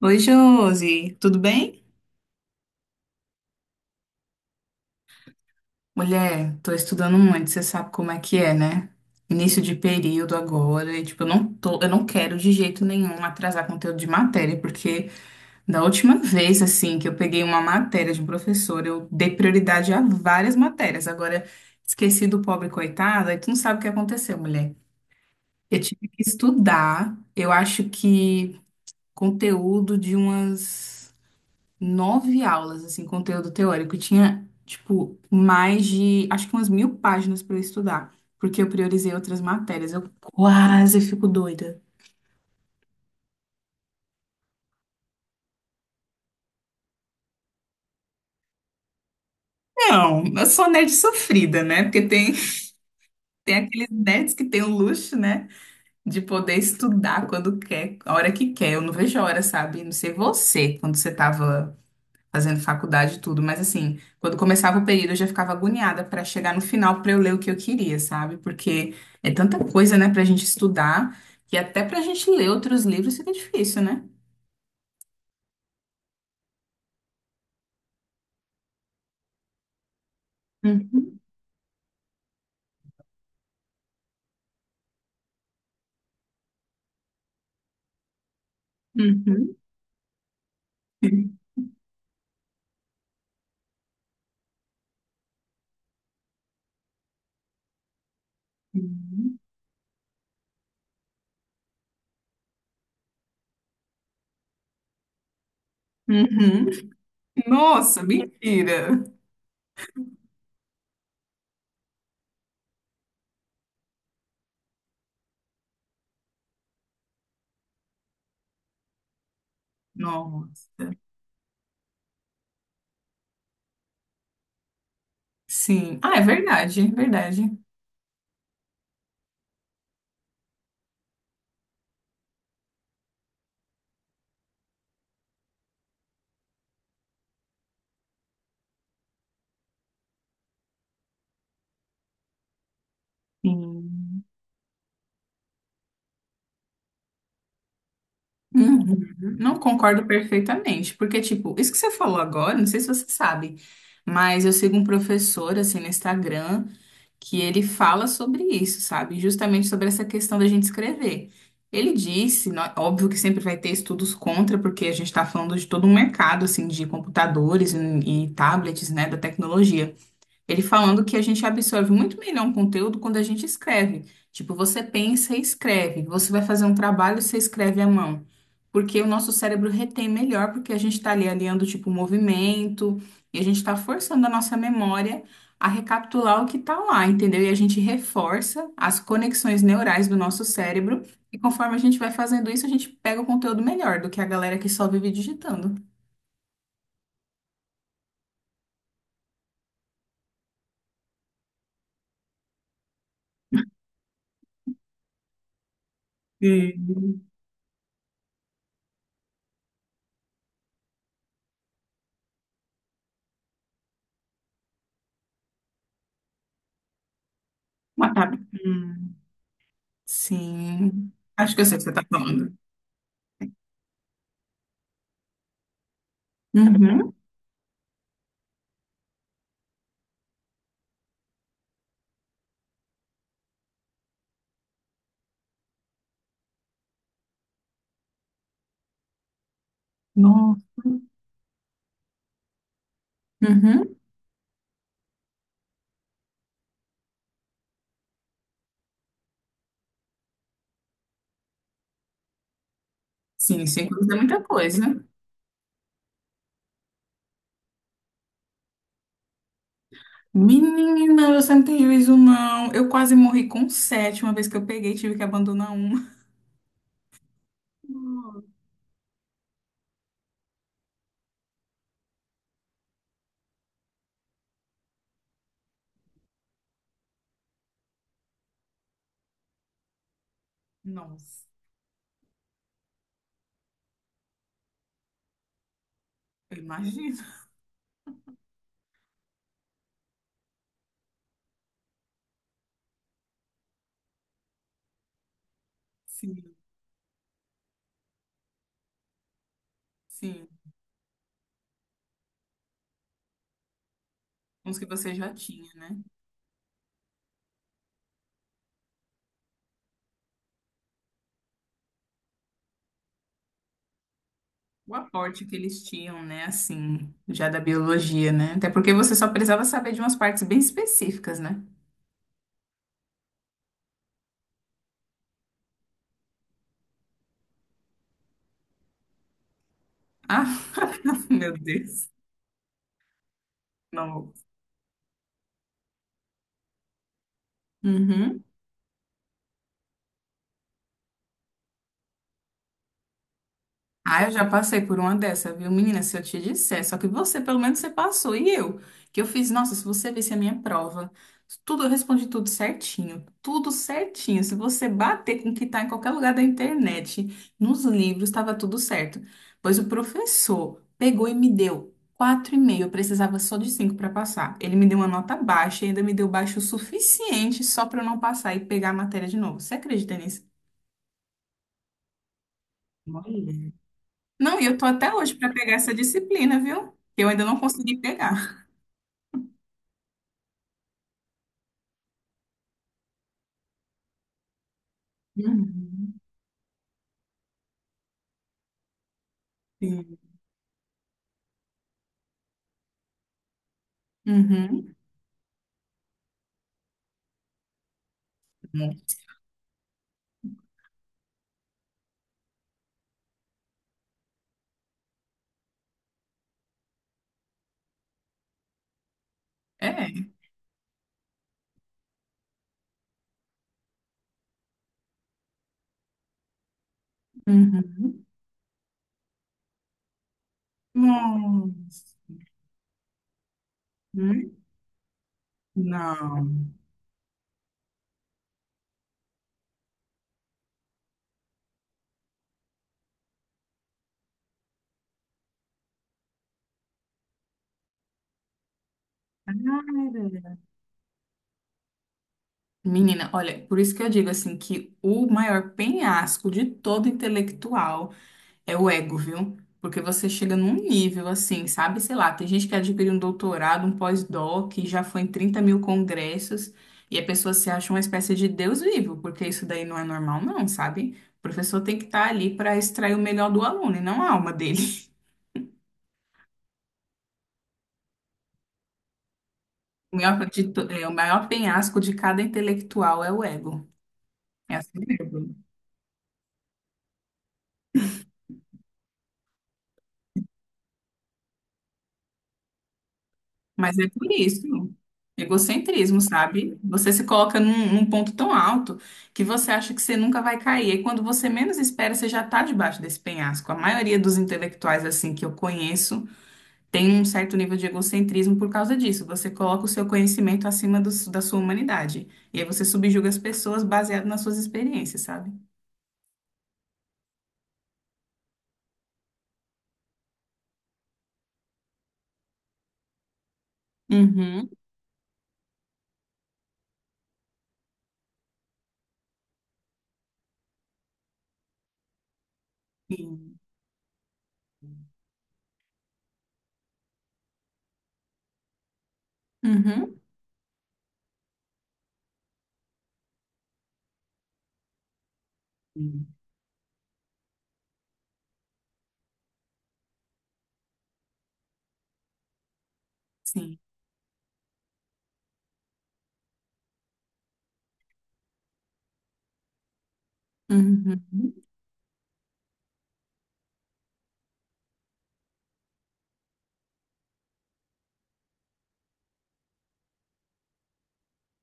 Oi, Josi, tudo bem? Mulher, tô estudando muito, você sabe como é que é, né? Início de período agora, e tipo, eu não quero de jeito nenhum atrasar conteúdo de matéria, porque da última vez, assim, que eu peguei uma matéria de um professor, eu dei prioridade a várias matérias. Agora, esqueci do pobre coitado, aí tu não sabe o que aconteceu, mulher. Eu tive que estudar, eu acho que conteúdo de umas. Nove aulas, assim, conteúdo teórico. E tinha, tipo, mais de, acho que umas 1.000 páginas para eu estudar, porque eu priorizei outras matérias. Eu quase fico doida. Não, eu sou nerd sofrida, né? Porque tem aqueles nerds que têm o luxo, né, de poder estudar quando quer, a hora que quer. Eu não vejo a hora, sabe? Não sei você, quando você tava fazendo faculdade e tudo, mas assim, quando começava o período eu já ficava agoniada para chegar no final para eu ler o que eu queria, sabe? Porque é tanta coisa, né, pra gente estudar, que até pra gente ler outros livros fica difícil, né? Uhum, uhum, uhum, uhum. Nossa, mentira! Nossa. Sim. Ah, é verdade, é verdade. Sim. Uhum. Não concordo perfeitamente, porque, tipo, isso que você falou agora, não sei se você sabe, mas eu sigo um professor, assim, no Instagram, que ele fala sobre isso, sabe? Justamente sobre essa questão da gente escrever. Ele disse, óbvio que sempre vai ter estudos contra, porque a gente está falando de todo um mercado, assim, de computadores e tablets, né, da tecnologia. Ele falando que a gente absorve muito melhor um conteúdo quando a gente escreve. Tipo, você pensa e escreve. Você vai fazer um trabalho, você escreve à mão. Porque o nosso cérebro retém melhor, porque a gente está ali alinhando, tipo, o movimento, e a gente está forçando a nossa memória a recapitular o que está lá, entendeu? E a gente reforça as conexões neurais do nosso cérebro, e conforme a gente vai fazendo isso, a gente pega o conteúdo melhor do que a galera que só vive digitando. Hum. Uma tab- Hum. Sim. Acho que eu sei o que você está falando. Uhum. Nossa. Uhum. Sim, 5 anos é muita coisa. Menina, você não tem juízo, não. Eu quase morri com sete uma vez que eu peguei, tive que abandonar uma. Nossa, eu imagino. Sim, sim. Uns que você já tinha, né? O aporte que eles tinham, né? Assim, já da biologia, né? Até porque você só precisava saber de umas partes bem específicas, né? Ah, meu Deus. Não. Ah, eu já passei por uma dessa, viu, menina? Se eu te disser, só que você, pelo menos, você passou. E eu, que eu fiz, nossa, se você visse a minha prova, tudo, eu respondi tudo certinho, tudo certinho. Se você bater com o que tá em qualquer lugar da internet, nos livros, estava tudo certo. Pois o professor pegou e me deu 4,5, eu precisava só de 5 para passar. Ele me deu uma nota baixa e ainda me deu baixo o suficiente só para eu não passar e pegar a matéria de novo. Você acredita nisso? Olha. Não, e eu tô até hoje para pegar essa disciplina, viu? Que eu ainda não consegui pegar. Uhum. Sim. Uhum. É. Uhum. Nossa. Hum? Não. Cara. Menina, olha, por isso que eu digo assim que o maior penhasco de todo intelectual é o ego, viu? Porque você chega num nível assim, sabe? Sei lá, tem gente que adquiriu um doutorado, um pós-doc, e já foi em 30.000 congressos, e a pessoa se acha uma espécie de Deus vivo, porque isso daí não é normal, não, sabe? O professor tem que estar ali para extrair o melhor do aluno e não a alma dele. O maior, é, o maior penhasco de cada intelectual é o ego. É assim mesmo. Mas é por isso, egocentrismo, sabe? Você se coloca num ponto tão alto que você acha que você nunca vai cair. E quando você menos espera, você já está debaixo desse penhasco. A maioria dos intelectuais, assim, que eu conheço, tem um certo nível de egocentrismo por causa disso. Você coloca o seu conhecimento acima do da sua humanidade. E aí você subjuga as pessoas baseado nas suas experiências, sabe? Uhum. Sim. Uhum. Sim. Uhum.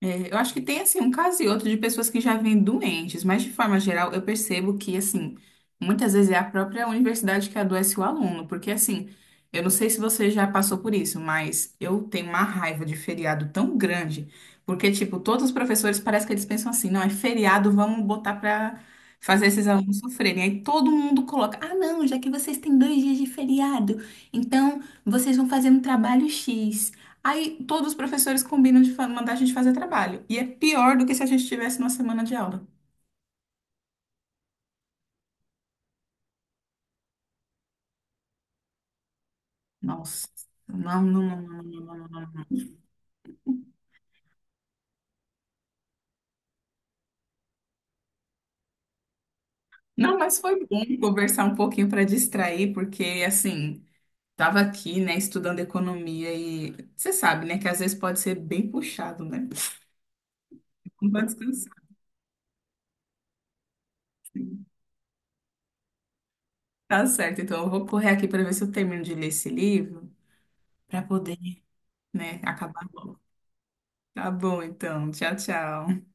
É, eu acho que tem assim um caso e outro de pessoas que já vêm doentes, mas de forma geral eu percebo que assim muitas vezes é a própria universidade que adoece o aluno, porque assim eu não sei se você já passou por isso, mas eu tenho uma raiva de feriado tão grande, porque tipo todos os professores parece que eles pensam assim, não é feriado, vamos botar pra fazer esses alunos sofrerem. Aí todo mundo coloca, ah não, já que vocês têm 2 dias de feriado, então vocês vão fazer um trabalho X. Aí todos os professores combinam mandar a gente fazer trabalho. E é pior do que se a gente tivesse uma semana de aula. Nossa. Não, não, não, não, não, não, não. Não, não, mas foi bom conversar um pouquinho para distrair, porque assim, tava aqui, né, estudando economia e você sabe, né, que às vezes pode ser bem puxado, né? Não vai descansar. Tá certo, então eu vou correr aqui para ver se eu termino de ler esse livro para poder, né, acabar logo. Tá bom, então. Tchau, tchau.